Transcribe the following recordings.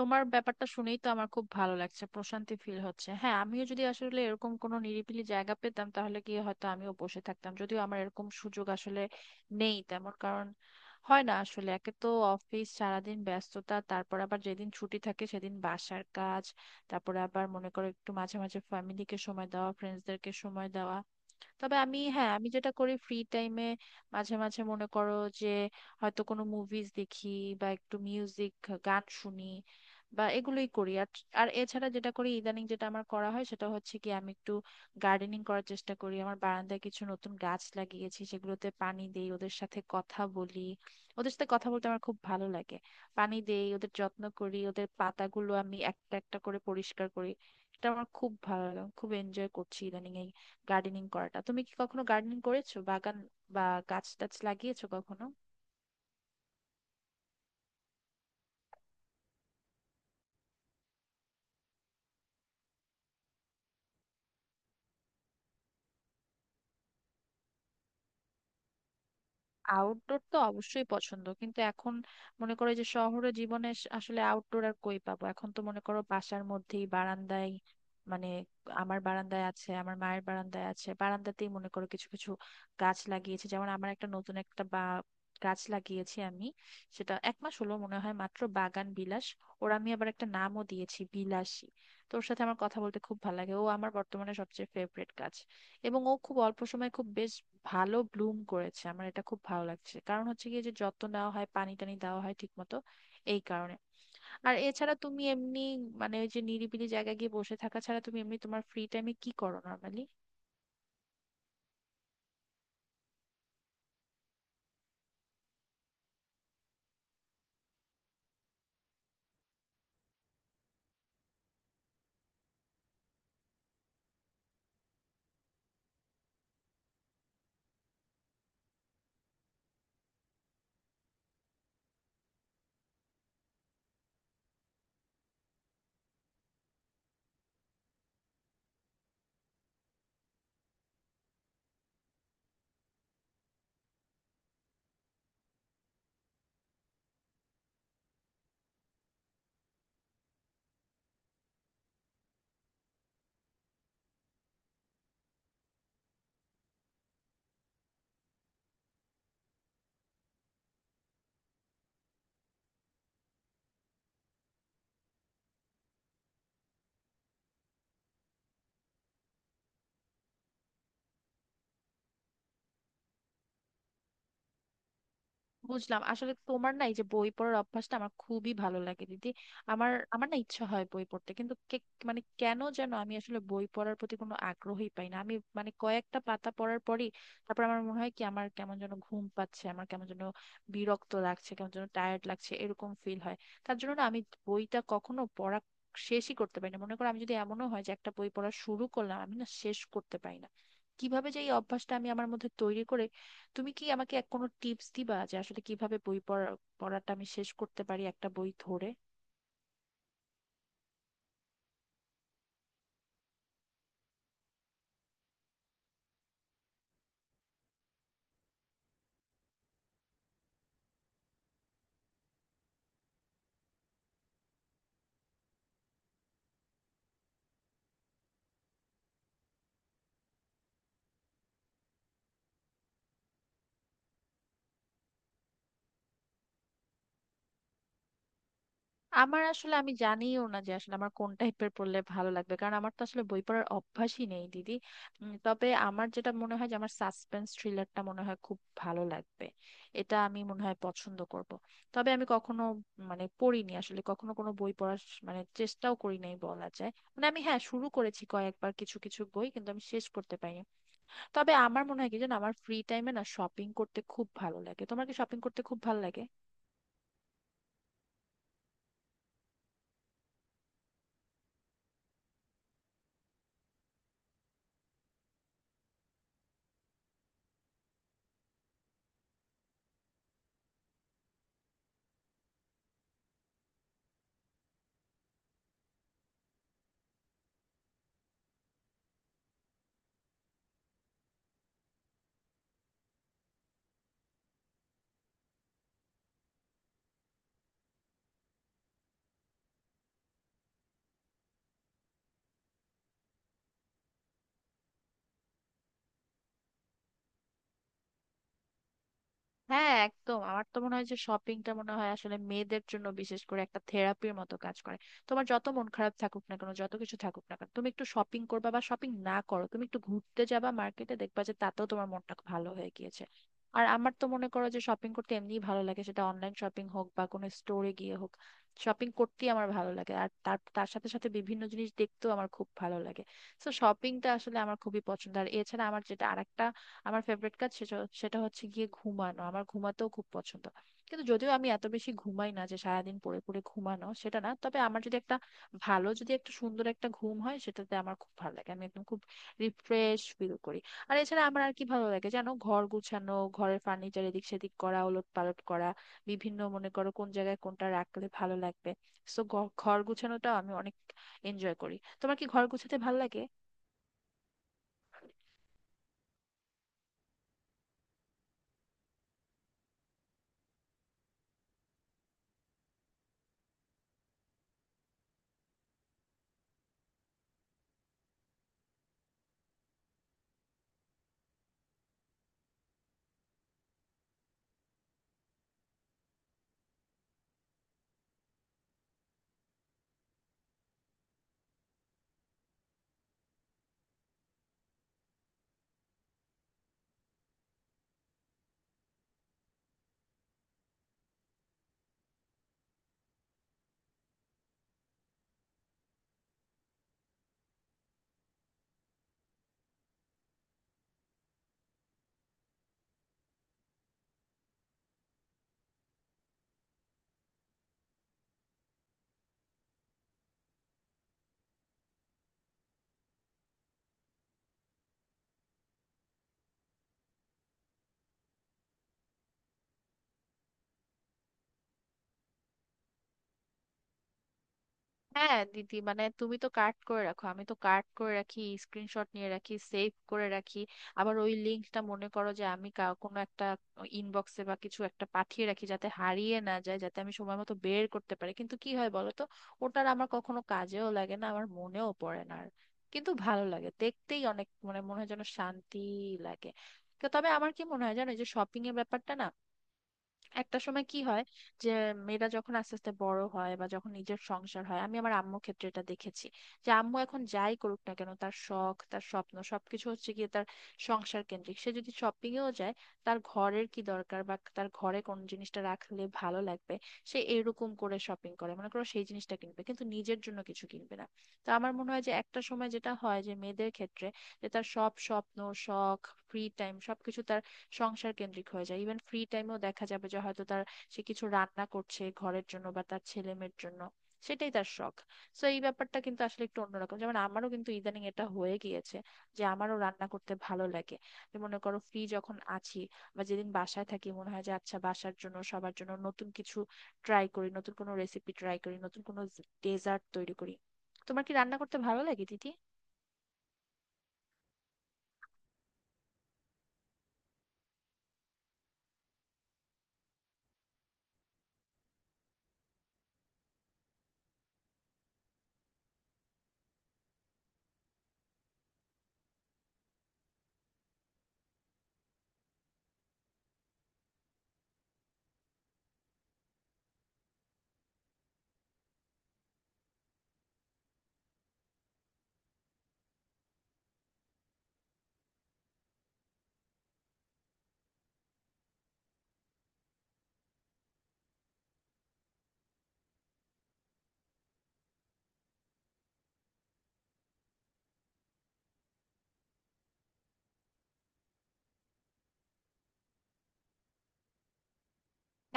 তোমার ব্যাপারটা শুনেই তো আমার খুব ভালো লাগছে, প্রশান্তি ফিল হচ্ছে। হ্যাঁ, আমিও যদি আসলে এরকম কোনো নিরিবিলি জায়গা পেতাম, তাহলে কি হয়তো আমিও বসে থাকতাম। যদিও আমার এরকম সুযোগ আসলে নেই তেমন, কারণ হয় না আসলে। একে তো অফিস সারাদিন ব্যস্ততা, তারপর আবার যেদিন ছুটি থাকে সেদিন বাসার কাজ, তারপরে আবার মনে করো একটু মাঝে মাঝে ফ্যামিলিকে সময় দেওয়া, ফ্রেন্ডসদেরকে সময় দেওয়া। তবে আমি, হ্যাঁ, আমি যেটা করি ফ্রি টাইমে, মাঝে মাঝে মনে করো যে হয়তো কোনো মুভিজ দেখি বা একটু মিউজিক, গান শুনি, বা এগুলোই করি। আর আর এছাড়া যেটা করি ইদানিং, যেটা আমার করা হয়, সেটা হচ্ছে কি আমি একটু গার্ডেনিং করার চেষ্টা করি। আমার বারান্দায় কিছু নতুন গাছ লাগিয়েছি, সেগুলোতে পানি দেই, ওদের সাথে কথা বলি। ওদের সাথে কথা বলতে আমার খুব ভালো লাগে। পানি দেই, ওদের যত্ন করি, ওদের পাতাগুলো আমি একটা একটা করে পরিষ্কার করি। এটা আমার খুব ভালো লাগে, আমি খুব এনজয় করছি ইদানিং গার্ডেনিং করাটা। তুমি কি কখনো গার্ডেনিং করেছো, বাগান বা গাছ টাছ লাগিয়েছো কখনো? আউটডোর তো অবশ্যই পছন্দ, কিন্তু এখন মনে করো যে শহরে জীবনে আসলে আউটডোর আর কই পাবো? এখন তো মনে করো বাসার মধ্যেই, বারান্দায়। মানে আমার বারান্দায় আছে, আমার মায়ের বারান্দায় আছে, বারান্দাতেই মনে করো কিছু কিছু গাছ লাগিয়েছি। যেমন আমার একটা নতুন একটা বা গাছ লাগিয়েছি আমি, সেটা এক মাস হলো মনে হয় মাত্র, বাগান বিলাস। ওর আমি আবার একটা নামও দিয়েছি, বিলাসী। তো ওর সাথে আমার কথা বলতে খুব ভালো লাগে, ও আমার বর্তমানে সবচেয়ে ফেভারিট গাছ। এবং ও খুব অল্প সময়ে খুব বেশ ভালো ব্লুম করেছে, আমার এটা খুব ভালো লাগছে। কারণ হচ্ছে গিয়ে যে যত্ন নেওয়া হয়, পানি টানি দেওয়া হয় ঠিক মতো, এই কারণে। আর এছাড়া তুমি এমনি, মানে ওই যে নিরিবিলি জায়গায় গিয়ে বসে থাকা ছাড়া তুমি এমনি তোমার ফ্রি টাইমে কি করো নর্মালি? বুঝলাম। আসলে তোমার না এই যে বই পড়ার অভ্যাসটা, আমার খুবই ভালো লাগে দিদি। আমার আমার না ইচ্ছা হয় বই পড়তে, কিন্তু মানে কেন যেন আমি আসলে বই পড়ার প্রতি কোনো আগ্রহই পাই না আমি। মানে কয়েকটা পাতা পড়ার পরই তারপর আমার মনে হয় কি, আমার কেমন যেন ঘুম পাচ্ছে, আমার কেমন যেন বিরক্ত লাগছে, কেমন যেন টায়ার্ড লাগছে, এরকম ফিল হয়। তার জন্য না আমি বইটা কখনো পড়া শেষই করতে পারি না। মনে করো আমি, যদি এমনও হয় যে একটা বই পড়া শুরু করলাম, আমি না শেষ করতে পারি না। কিভাবে যে এই অভ্যাসটা আমি আমার মধ্যে তৈরি করে, তুমি কি আমাকে এক কোনো টিপস দিবা যে আসলে কিভাবে বই পড়া, পড়াটা আমি শেষ করতে পারি একটা বই ধরে? আমার আসলে, আমি জানিও না যে আসলে আমার কোন টাইপের পড়লে ভালো লাগবে, কারণ আমার তো আসলে বই পড়ার অভ্যাসই নেই দিদি। তবে আমার যেটা মনে হয় যে আমার সাসপেন্স থ্রিলারটা মনে হয় খুব ভালো লাগবে, এটা আমি মনে হয় পছন্দ করব। তবে আমি কখনো, মানে পড়িনি আসলে, কখনো কোনো বই পড়ার মানে চেষ্টাও করি নাই বলা যায়। মানে আমি, হ্যাঁ, শুরু করেছি কয়েকবার কিছু কিছু বই, কিন্তু আমি শেষ করতে পারিনি। তবে আমার মনে হয় কি জানো, আমার ফ্রি টাইমে না শপিং করতে খুব ভালো লাগে। তোমার কি শপিং করতে খুব ভালো লাগে? হ্যাঁ, একদম। আমার তো মনে হয় যে শপিংটা মনে হয় আসলে মেয়েদের জন্য বিশেষ করে একটা থেরাপির মতো কাজ করে। তোমার যত মন খারাপ থাকুক না কেন, যত কিছু থাকুক না কেন, তুমি একটু শপিং করবা, বা শপিং না করো তুমি একটু ঘুরতে যাবা মার্কেটে, দেখবা যে তাতেও তোমার মনটা ভালো হয়ে গিয়েছে। আর আমার তো মনে করো যে শপিং করতে এমনিই ভালো লাগে, সেটা অনলাইন শপিং হোক বা কোনো স্টোরে গিয়ে হোক, শপিং করতেই আমার ভালো লাগে। আর তার তার সাথে সাথে বিভিন্ন জিনিস দেখতেও আমার খুব ভালো লাগে। তো শপিংটা আসলে আমার খুবই পছন্দ। আর এছাড়া আমার যেটা আরেকটা আমার ফেভারিট কাজ সেটা সেটা হচ্ছে গিয়ে ঘুমানো। আমার ঘুমাতেও খুব পছন্দ, কিন্তু যদিও আমি এত বেশি ঘুমাই না যে সারাদিন পড়ে পড়ে ঘুমানো, সেটা না। তবে আমার যদি একটা ভালো, যদি একটা সুন্দর একটা ঘুম হয়, সেটাতে আমার খুব ভালো লাগে, আমি একদম খুব রিফ্রেশ ফিল করি। আর এছাড়া আমার আর কি ভালো লাগে জানো, ঘর গুছানো, ঘরের ফার্নিচার এদিক সেদিক করা, ওলট পালট করা, বিভিন্ন মনে করো কোন জায়গায় কোনটা রাখলে ভালো লাগবে। সো ঘর গুছানোটা আমি অনেক এনজয় করি। তোমার কি ঘর গুছাতে ভালো লাগে? হ্যাঁ দিদি, মানে তুমি তো কার্ড করে রাখো, আমি তো কার্ড করে রাখি, স্ক্রিনশট নিয়ে রাখি, সেভ করে রাখি। আবার ওই লিঙ্কটা মনে করো যে আমি কোনো একটা ইনবক্সে বা কিছু একটা পাঠিয়ে রাখি, যাতে হারিয়ে না যায়, যাতে আমি সময় মতো বের করতে পারি। কিন্তু কি হয় বলো তো, ওটার আমার কখনো কাজেও লাগে না, আমার মনেও পড়ে না আর। কিন্তু ভালো লাগে দেখতেই অনেক, মানে মনে হয় যেন শান্তি লাগে। তো তবে আমার কি মনে হয় জানো, এই যে শপিং এর ব্যাপারটা না, একটা সময় কি হয় যে মেয়েরা যখন আস্তে আস্তে বড় হয়, বা যখন নিজের সংসার হয়, আমি আমার আম্মু ক্ষেত্রে এটা দেখেছি যে আম্মু এখন যাই করুক না কেন, তার শখ, তার স্বপ্ন, সবকিছু হচ্ছে গিয়ে তার সংসার কেন্দ্রিক। সে যদি শপিং এও যায়, তার ঘরের কি দরকার বা তার ঘরে কোন জিনিসটা রাখলে ভালো লাগবে, সে এরকম করে শপিং করে, মনে করো সেই জিনিসটা কিনবে, কিন্তু নিজের জন্য কিছু কিনবে না। তো আমার মনে হয় যে একটা সময় যেটা হয় যে, মেয়েদের ক্ষেত্রে যে তার সব স্বপ্ন, শখ, ফ্রি টাইম, সবকিছু সংসার কেন্দ্রিক হয়ে যায়। ইভেন ফ্রি টাইমেও দেখা যাবে যে হয়তো তার, সে কিছু রান্না করছে ঘরের জন্য বা তার ছেলে মেয়ের জন্য, সেটাই তার শখ। সো এই ব্যাপারটা কিন্তু আসলে একটু অন্যরকম, যেমন আমারও কিন্তু ইদানিং এটা হয়ে গিয়েছে যে আমারও রান্না করতে ভালো লাগে। যে মনে করো ফ্রি যখন আছি বা যেদিন বাসায় থাকি, মনে হয় যে আচ্ছা বাসার জন্য, সবার জন্য নতুন কিছু ট্রাই করি, নতুন কোনো রেসিপি ট্রাই করি, নতুন কোনো ডেজার্ট তৈরি করি। তোমার কি রান্না করতে ভালো লাগে দিদি?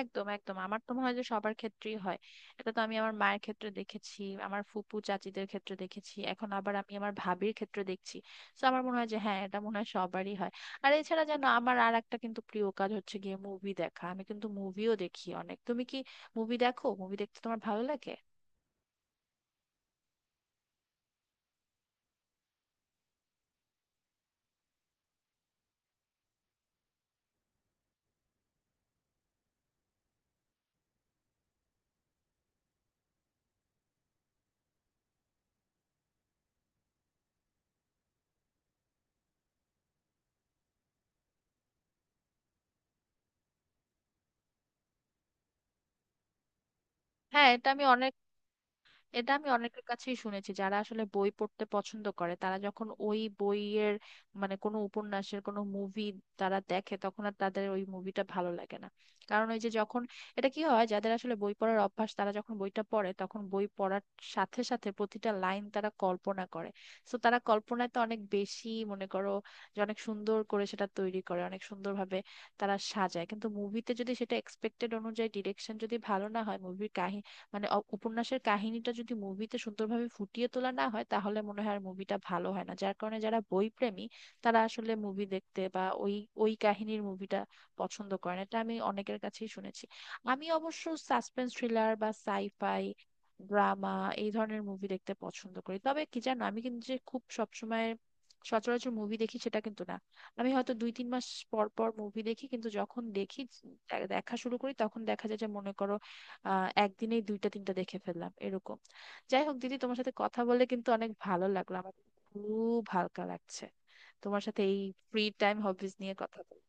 একদম একদম, আমার তো মনে হয় যে সবার ক্ষেত্রেই হয়। এটা তো আমি আমার মায়ের ক্ষেত্রে দেখেছি, আমার ফুপু চাচিদের ক্ষেত্রে দেখেছি, এখন আবার আমি আমার ভাবির ক্ষেত্রে দেখছি। তো আমার মনে হয় যে হ্যাঁ, এটা মনে হয় সবারই হয়। আর এছাড়া যেন আমার আর একটা কিন্তু প্রিয় কাজ হচ্ছে গিয়ে মুভি দেখা। আমি কিন্তু মুভিও দেখি অনেক, তুমি কি মুভি দেখো? মুভি দেখতে তোমার ভালো লাগে? হ্যাঁ, এটা আমি অনেক, এটা আমি অনেকের কাছেই শুনেছি, যারা আসলে বই পড়তে পছন্দ করে, তারা যখন ওই বইয়ের মানে কোনো উপন্যাসের কোনো মুভি তারা দেখে, তখন আর তাদের ওই মুভিটা ভালো লাগে না। কারণ ওই যে যখন, এটা কি হয়, যাদের আসলে বই পড়ার অভ্যাস, তারা যখন বইটা পড়ে, তখন বই পড়ার সাথে সাথে প্রতিটা লাইন তারা কল্পনা করে। তো তারা কল্পনায় তো অনেক বেশি, মনে করো যে অনেক সুন্দর করে সেটা তৈরি করে, অনেক সুন্দরভাবে তারা সাজায়। কিন্তু মুভিতে যদি সেটা এক্সপেক্টেড অনুযায়ী ডিরেকশন যদি ভালো না হয়, মুভির কাহিনী, মানে উপন্যাসের কাহিনীটা যদি মুভিতে সুন্দরভাবে ফুটিয়ে তোলা না হয়, তাহলে মনে হয় আর মুভিটা ভালো হয় না। যার কারণে যারা বই প্রেমী, তারা আসলে মুভি দেখতে বা ওই ওই কাহিনীর মুভিটা পছন্দ করে না। এটা আমি অনেকের কাছেই শুনেছি। আমি অবশ্য সাসপেন্স থ্রিলার বা সাইফাই, ড্রামা, এই ধরনের মুভি দেখতে পছন্দ করি। তবে কি জানো, আমি কিন্তু যে খুব সবসময় সচরাচর মুভি দেখি সেটা কিন্তু না, আমি হয়তো 2-3 মাস পর পর মুভি দেখি। কিন্তু যখন দেখি, দেখা শুরু করি, তখন দেখা যায় যে মনে করো আহ, একদিনেই দুইটা তিনটা দেখে ফেললাম, এরকম। যাই হোক দিদি, তোমার সাথে কথা বলে কিন্তু অনেক ভালো লাগলো আমার, খুব হালকা লাগছে। তোমার সাথে এই ফ্রি টাইম হবিজ নিয়ে কথা বলে